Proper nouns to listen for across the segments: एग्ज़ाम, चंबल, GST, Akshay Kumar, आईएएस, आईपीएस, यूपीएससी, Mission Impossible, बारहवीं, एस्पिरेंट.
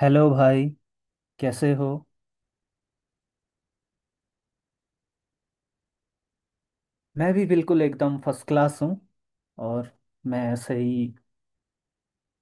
Hello भाई। कैसे हो? मैं भी बिल्कुल एकदम फर्स्ट क्लास हूँ। और मैं ऐसे ही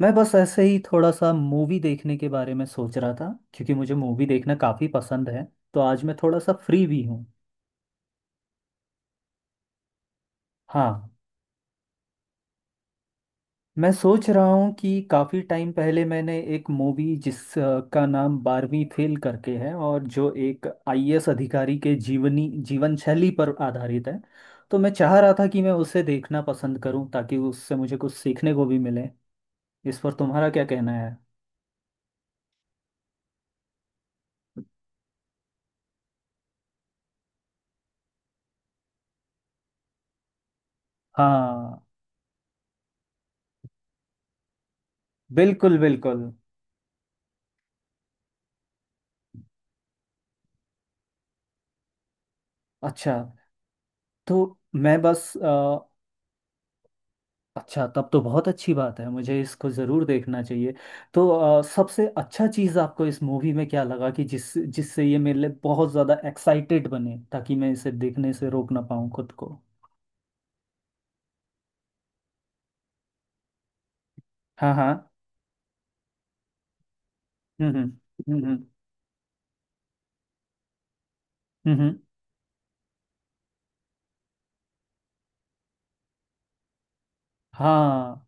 मैं बस ऐसे ही थोड़ा सा मूवी देखने के बारे में सोच रहा था क्योंकि मुझे मूवी देखना काफ़ी पसंद है। तो आज मैं थोड़ा सा फ्री भी हूँ। हाँ। मैं सोच रहा हूँ कि काफ़ी टाइम पहले मैंने एक मूवी का नाम बारहवीं फेल करके है और जो एक आईएएस अधिकारी के जीवनी जीवन शैली पर आधारित है। तो मैं चाह रहा था कि मैं उसे देखना पसंद करूं ताकि उससे मुझे कुछ सीखने को भी मिले। इस पर तुम्हारा क्या कहना है? हाँ, बिल्कुल, बिल्कुल। अच्छा, तो मैं बस अ, अच्छा, तब तो बहुत अच्छी बात है, मुझे इसको ज़रूर देखना चाहिए। तो सबसे अच्छा चीज़ आपको इस मूवी में क्या लगा कि जिससे ये मेरे लिए बहुत ज़्यादा एक्साइटेड बने ताकि मैं इसे देखने से रोक ना पाऊँ खुद को? हाँ, हाँ, हम्म, हम्म, हम्म, हम्म, हाँ,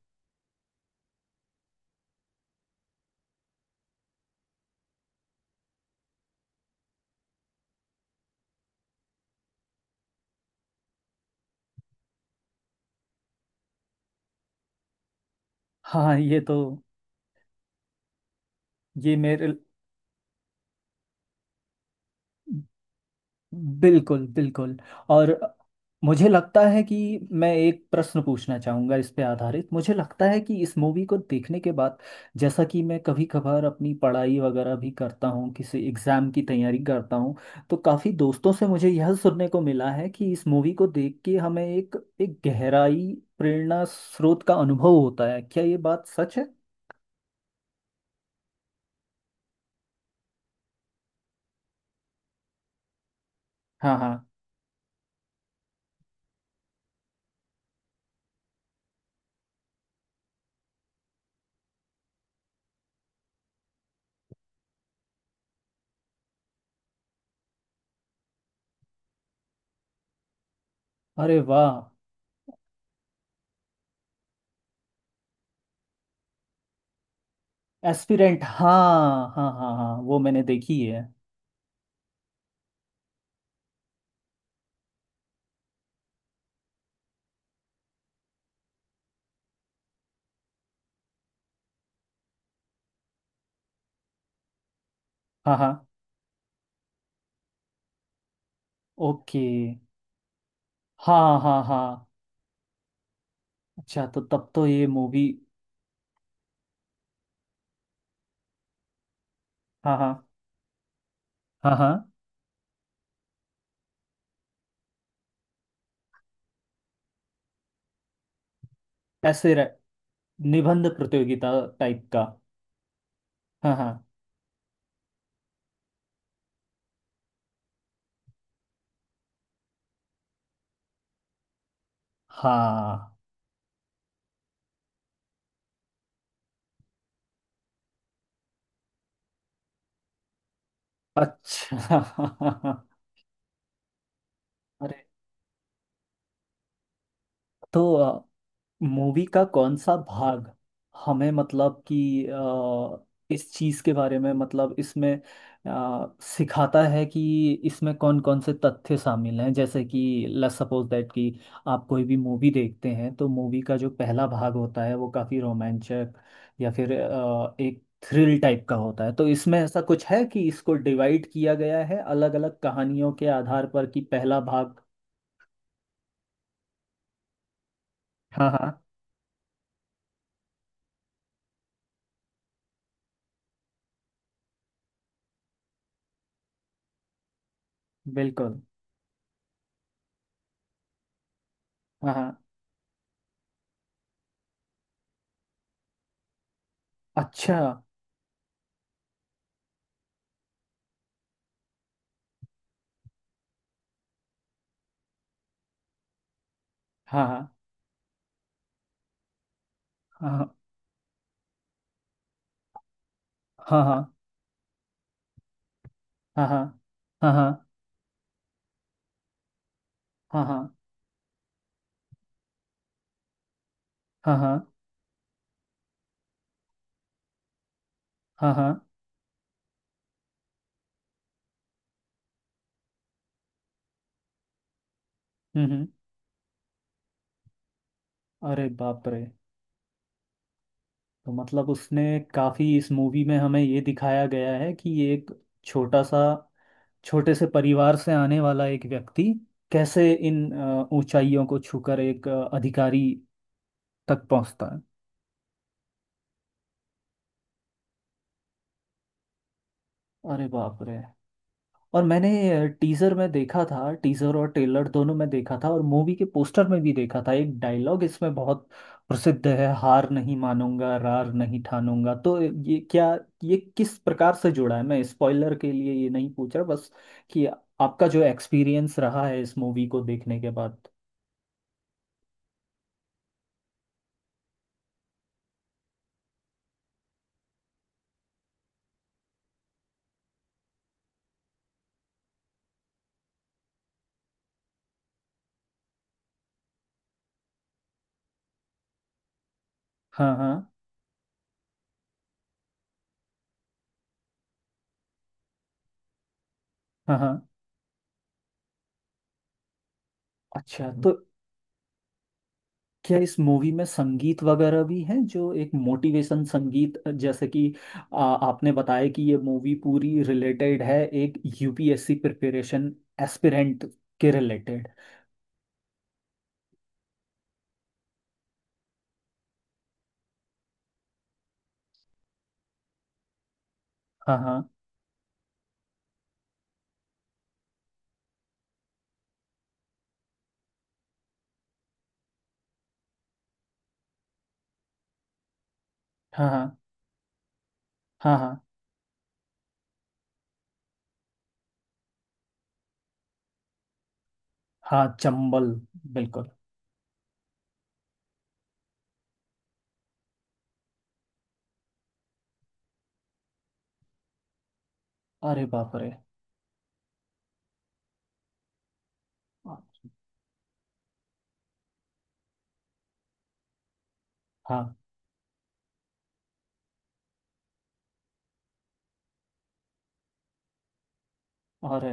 हाँ। ये तो। ये मेरे बिल्कुल, बिल्कुल। और मुझे लगता है कि मैं एक प्रश्न पूछना चाहूँगा इस पे आधारित। मुझे लगता है कि इस मूवी को देखने के बाद, जैसा कि मैं कभी कभार अपनी पढ़ाई वगैरह भी करता हूँ, किसी एग्ज़ाम की तैयारी करता हूँ, तो काफ़ी दोस्तों से मुझे यह सुनने को मिला है कि इस मूवी को देख के हमें एक एक गहराई प्रेरणा स्रोत का अनुभव होता है। क्या ये बात सच है? हाँ, हाँ। अरे वाह! एस्पिरेंट, हाँ, हाँ, हाँ, हाँ, वो मैंने देखी है। हाँ, हाँ। ओके। हाँ, हाँ, हाँ। अच्छा, तो तब तो ये मूवी। हाँ, हाँ, हाँ, हाँ। ऐसे रह, निबंध प्रतियोगिता टाइप का। हाँ, हाँ, हाँ। अच्छा। अरे! तो मूवी का कौन सा भाग हमें, मतलब कि इस चीज के बारे में, मतलब इसमें सिखाता है कि इसमें कौन कौन से तथ्य शामिल हैं? जैसे कि लेट्स सपोज दैट कि आप कोई भी मूवी देखते हैं तो मूवी का जो पहला भाग होता है वो काफी रोमांचक या फिर एक थ्रिल टाइप का होता है, तो इसमें ऐसा कुछ है कि इसको डिवाइड किया गया है अलग अलग कहानियों के आधार पर कि पहला भाग। हाँ, हाँ। बिल्कुल। हाँ, हाँ। अच्छा। हाँ, हाँ, हाँ, हाँ, हाँ, हाँ, हाँ, हाँ, हाँ, हाँ, हाँ, हाँ, हाँ, हाँ, हाँ, हम्म, अरे बाप रे! तो मतलब उसने, काफी इस मूवी में हमें ये दिखाया गया है कि ये एक छोटा सा, छोटे से परिवार से आने वाला एक व्यक्ति कैसे इन ऊंचाइयों को छूकर एक अधिकारी तक पहुंचता है। अरे बाप रे! और मैंने टीजर में देखा था, टीजर और ट्रेलर दोनों में देखा था, और मूवी के पोस्टर में भी देखा था, एक डायलॉग इसमें बहुत प्रसिद्ध है - हार नहीं मानूंगा, रार नहीं ठानूंगा। तो ये क्या? ये किस प्रकार से जुड़ा है? मैं स्पॉइलर के लिए ये नहीं पूछ रहा, बस कि आपका जो एक्सपीरियंस रहा है इस मूवी को देखने के बाद। हाँ, हाँ, हाँ, हाँ। अच्छा, तो क्या इस मूवी में संगीत वगैरह भी है जो एक मोटिवेशन संगीत, जैसे कि आपने बताया कि ये मूवी पूरी रिलेटेड है एक यूपीएससी प्रिपरेशन एस्पिरेंट के रिलेटेड? हाँ, हाँ, हाँ, हाँ, हाँ, हाँ, हाँ। चंबल। बिल्कुल। अरे बाप रे! हाँ। अरे!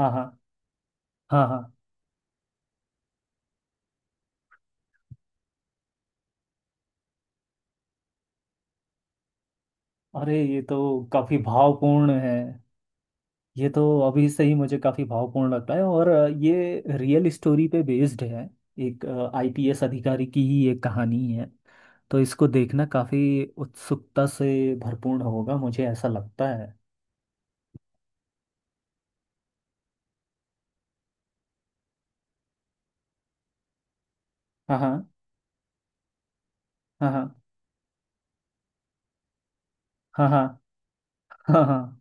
हाँ, हाँ, हाँ, हाँ। अरे, ये तो काफी भावपूर्ण है, ये तो अभी से ही मुझे काफी भावपूर्ण लगता है, और ये रियल स्टोरी पे बेस्ड है, एक आईपीएस अधिकारी की ही एक कहानी है। तो इसको देखना काफी उत्सुकता से भरपूर होगा, मुझे ऐसा लगता है। हाँ, हाँ, हाँ, हाँ, हाँ, हाँ, हाँ, हाँ।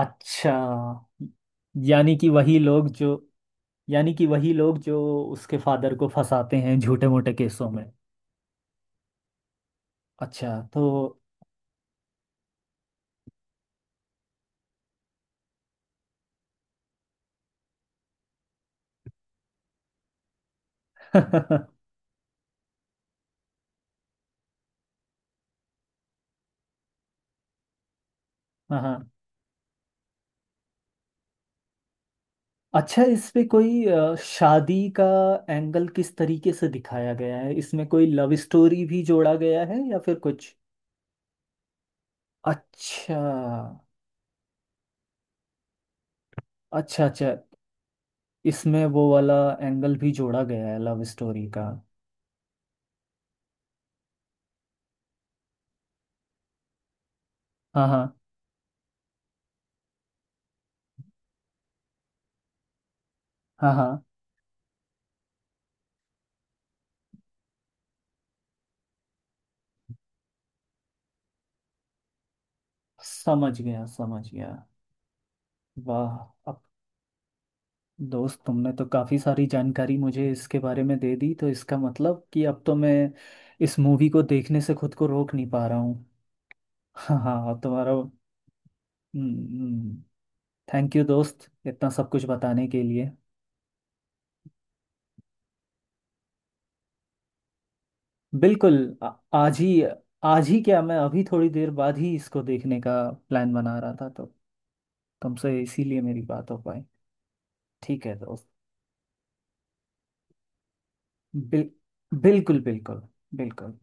अच्छा, यानी कि वही लोग जो। यानी कि वही लोग जो उसके फादर को फंसाते हैं झूठे मोटे केसों में? अच्छा, तो। हाँ, हाँ। अच्छा, इसपे कोई शादी का एंगल किस तरीके से दिखाया गया है? इसमें कोई लव स्टोरी भी जोड़ा गया है या फिर कुछ? अच्छा, अच्छा, अच्छा। इसमें वो वाला एंगल भी जोड़ा गया है लव स्टोरी का? हाँ, हाँ, हाँ, हाँ। समझ गया, समझ गया। वाह! अब दोस्त, तुमने तो काफ़ी सारी जानकारी मुझे इसके बारे में दे दी, तो इसका मतलब कि अब तो मैं इस मूवी को देखने से खुद को रोक नहीं पा रहा हूँ। हाँ, हाँ। अब तुम्हारा हम्म। थैंक यू दोस्त, इतना सब कुछ बताने के लिए। बिल्कुल। आ- आज ही। आज ही क्या, मैं अभी थोड़ी देर बाद ही इसको देखने का प्लान बना रहा था, तो तुमसे इसीलिए मेरी बात हो पाई। ठीक है दोस्त। बिल बिल्कुल, बिल्कुल, बिल्कुल।